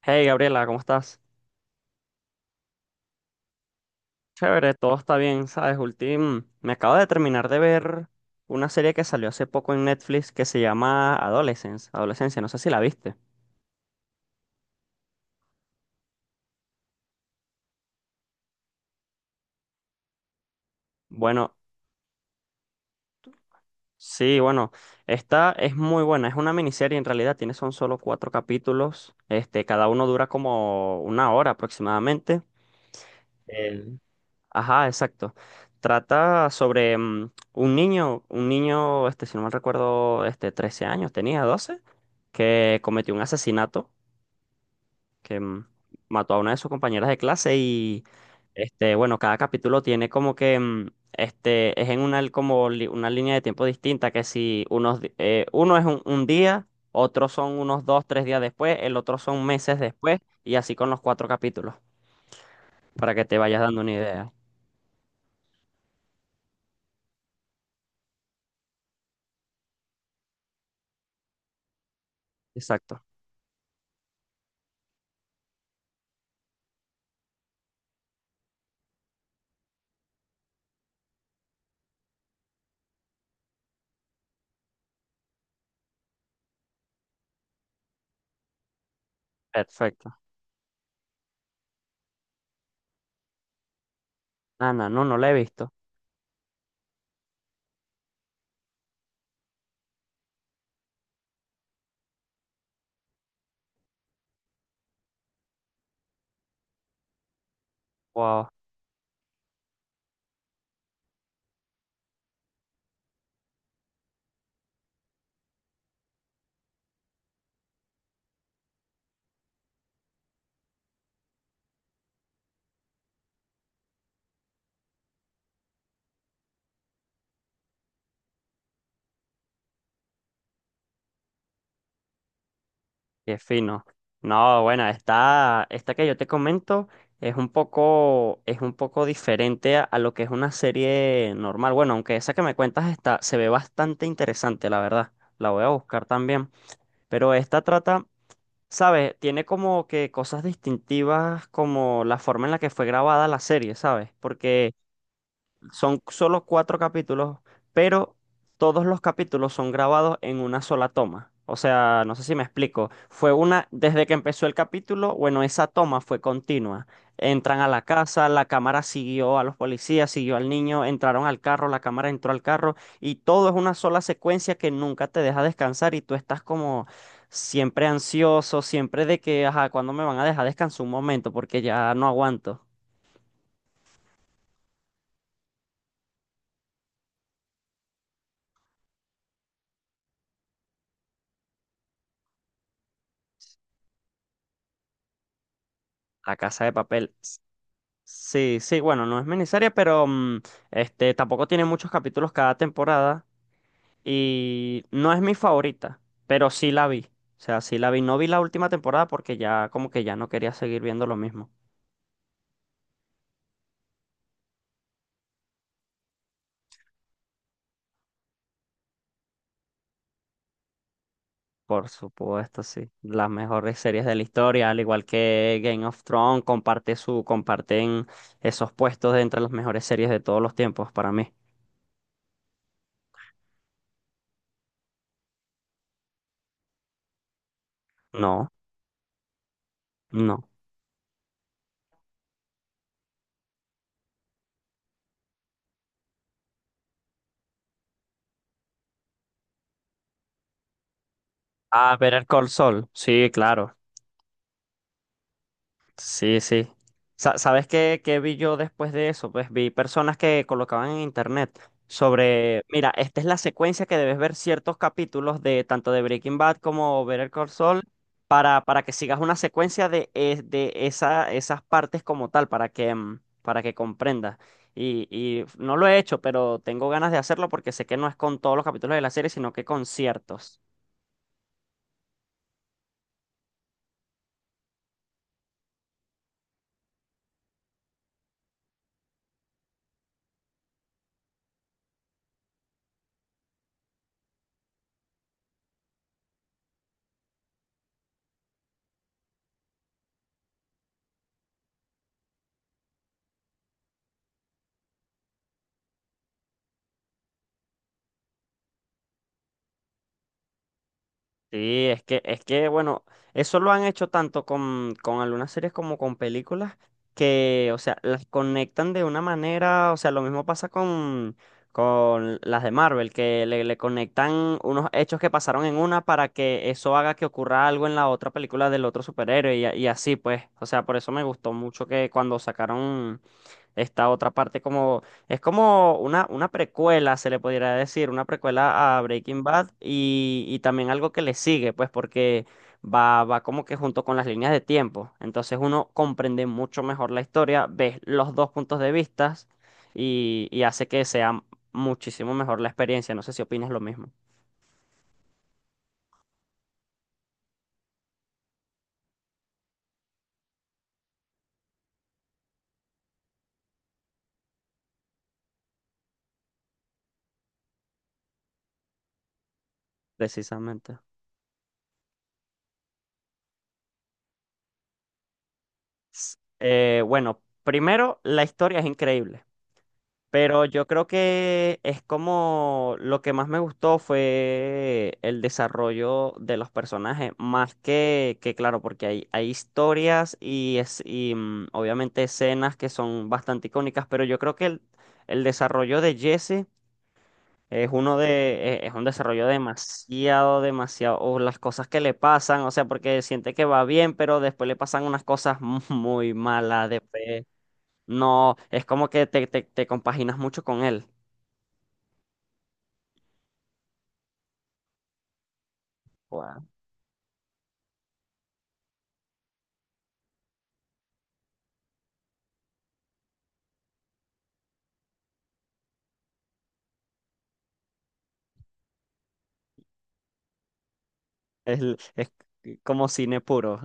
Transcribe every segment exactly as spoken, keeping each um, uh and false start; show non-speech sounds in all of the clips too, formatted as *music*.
Hey Gabriela, ¿cómo estás? Chévere, todo está bien, ¿sabes? Ultim, me acabo de terminar de ver una serie que salió hace poco en Netflix que se llama Adolescence, Adolescencia, no sé si la viste. Bueno, sí, bueno, esta es muy buena, es una miniserie en realidad, tiene son solo cuatro capítulos, este, cada uno dura como una hora aproximadamente. Eh, Ajá, exacto. Trata sobre mm, un niño, un niño, este, si no mal recuerdo, este, trece años, tenía doce, que cometió un asesinato, que mm, mató a una de sus compañeras de clase y, este, bueno, cada capítulo tiene como que, mm, este, es en una, como li- una línea de tiempo distinta, que si unos, di- eh, uno es un, un día, otros son unos dos, tres días después, el otro son meses después, y así con los cuatro capítulos, para que te vayas dando una idea. Exacto. Perfecto. Ah, no, no, no la he visto. Wow, qué fino. No, bueno, esta, esta que yo te comento es un poco, es un poco diferente a, a lo que es una serie normal. Bueno, aunque esa que me cuentas está, se ve bastante interesante, la verdad. La voy a buscar también. Pero esta trata, ¿sabes? Tiene como que cosas distintivas como la forma en la que fue grabada la serie, ¿sabes? Porque son solo cuatro capítulos, pero todos los capítulos son grabados en una sola toma. O sea, no sé si me explico. Fue una, desde que empezó el capítulo, bueno, esa toma fue continua. Entran a la casa, la cámara siguió a los policías, siguió al niño, entraron al carro, la cámara entró al carro y todo es una sola secuencia que nunca te deja descansar y tú estás como siempre ansioso, siempre de que, ajá, ¿cuándo me van a dejar descansar un momento? Porque ya no aguanto. La casa de papel. Sí, sí, bueno, no es miniserie, pero mm, este tampoco tiene muchos capítulos cada temporada y no es mi favorita, pero sí la vi. O sea, sí la vi. No vi la última temporada porque ya como que ya no quería seguir viendo lo mismo. Por supuesto, sí. Las mejores series de la historia, al igual que Game of Thrones, comparte su, comparten esos puestos de entre las mejores series de todos los tiempos para mí. No, no. Ah, Better Call Saul. Sí, claro. Sí, sí. Sa- ¿Sabes qué, qué vi yo después de eso? Pues vi personas que colocaban en internet sobre, mira, esta es la secuencia que debes ver ciertos capítulos de tanto de Breaking Bad como Better Call Saul para, para que sigas una secuencia de, e- de esa, esas partes como tal, para que, mm, para que comprendas. Y, y no lo he hecho, pero tengo ganas de hacerlo porque sé que no es con todos los capítulos de la serie, sino que con ciertos. Sí, es que, es que, bueno, eso lo han hecho tanto con, con algunas series como con películas que, o sea, las conectan de una manera, o sea, lo mismo pasa con, con las de Marvel, que le, le conectan unos hechos que pasaron en una para que eso haga que ocurra algo en la otra película del otro superhéroe y, a- y así, pues, o sea, por eso me gustó mucho que cuando sacaron esta otra parte como es como una, una precuela, se le podría decir, una precuela a Breaking Bad y, y también algo que le sigue, pues porque va, va como que junto con las líneas de tiempo. Entonces uno comprende mucho mejor la historia, ves los dos puntos de vista y, y hace que sea muchísimo mejor la experiencia. No sé si opinas lo mismo, precisamente. S- eh, bueno, primero, la historia es increíble. Pero yo creo que es como lo que más me gustó fue el desarrollo de los personajes, más que, que claro, porque hay, hay historias y, es, y mm, obviamente escenas que son bastante icónicas, pero yo creo que el, el desarrollo de Jesse es uno de, eh, es un desarrollo demasiado, demasiado, o las cosas que le pasan, o sea, porque siente que va bien, pero después le pasan unas cosas *laughs* mu- muy malas, después no, es como que te, te te compaginas mucho con él. Wow. Es, es como cine puro.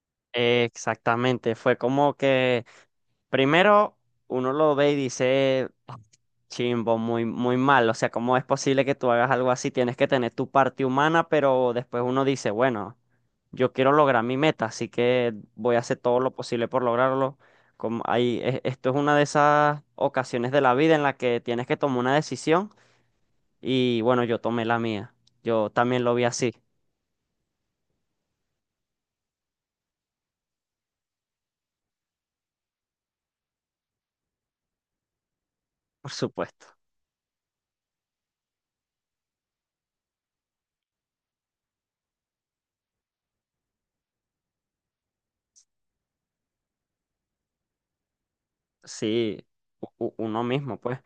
*laughs* Exactamente, fue como que primero uno lo ve y dice, "Ah, chimbo, muy, muy mal, o sea, ¿cómo es posible que tú hagas algo así? Tienes que tener tu parte humana, pero después uno dice, bueno, yo quiero lograr mi meta, así que voy a hacer todo lo posible por lograrlo. Como ahí, e- esto es una de esas ocasiones de la vida en la que tienes que tomar una decisión y bueno, yo tomé la mía, yo también lo vi así, *laughs* por supuesto. Sí, u- u- uno mismo, pues.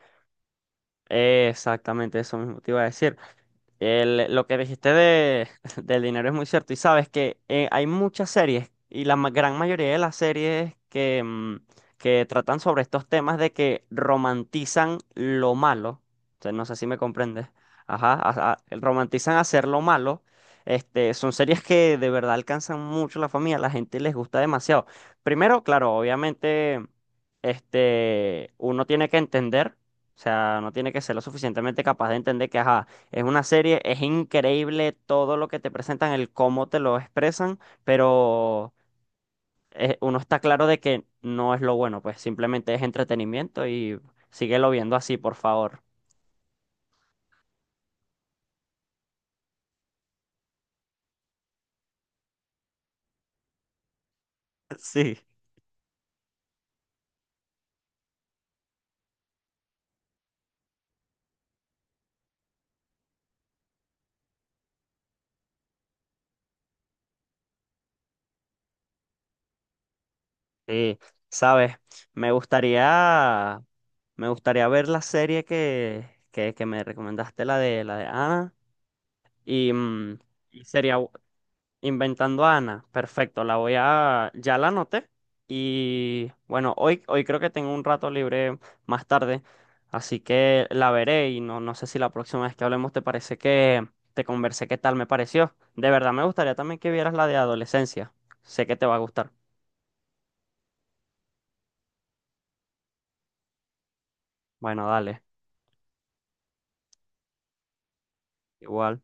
Exactamente, eso mismo te iba a decir. El- lo que dijiste de, *laughs* del dinero es muy cierto. Y sabes que eh, hay muchas series, y la ma- gran mayoría de las series que, mm, que tratan sobre estos temas de que romantizan lo malo. O sea, no sé si me comprendes. Ajá, a- a- romantizan hacer lo malo. Este, son series que de verdad alcanzan mucho la familia, a la gente les gusta demasiado. Primero, claro, obviamente, este, uno tiene que entender. O sea, no tiene que ser lo suficientemente capaz de entender que, ajá, es una serie, es increíble todo lo que te presentan, el cómo te lo expresan, pero eh, uno está claro de que no es lo bueno, pues simplemente es entretenimiento y síguelo viendo así, por favor. *laughs* Sí. Sí, sabes, me gustaría, me gustaría ver la serie que, que, que me recomendaste, la de, la de Ana, y mm, y sería, Inventando a Ana. Perfecto, la voy a... Ya la anoté. Y bueno, hoy, hoy creo que tengo un rato libre más tarde, así que la veré y no, no sé si la próxima vez que hablemos te parece que te conversé qué tal me pareció. De verdad, me gustaría también que vieras la de adolescencia. Sé que te va a gustar. Bueno, dale, igual.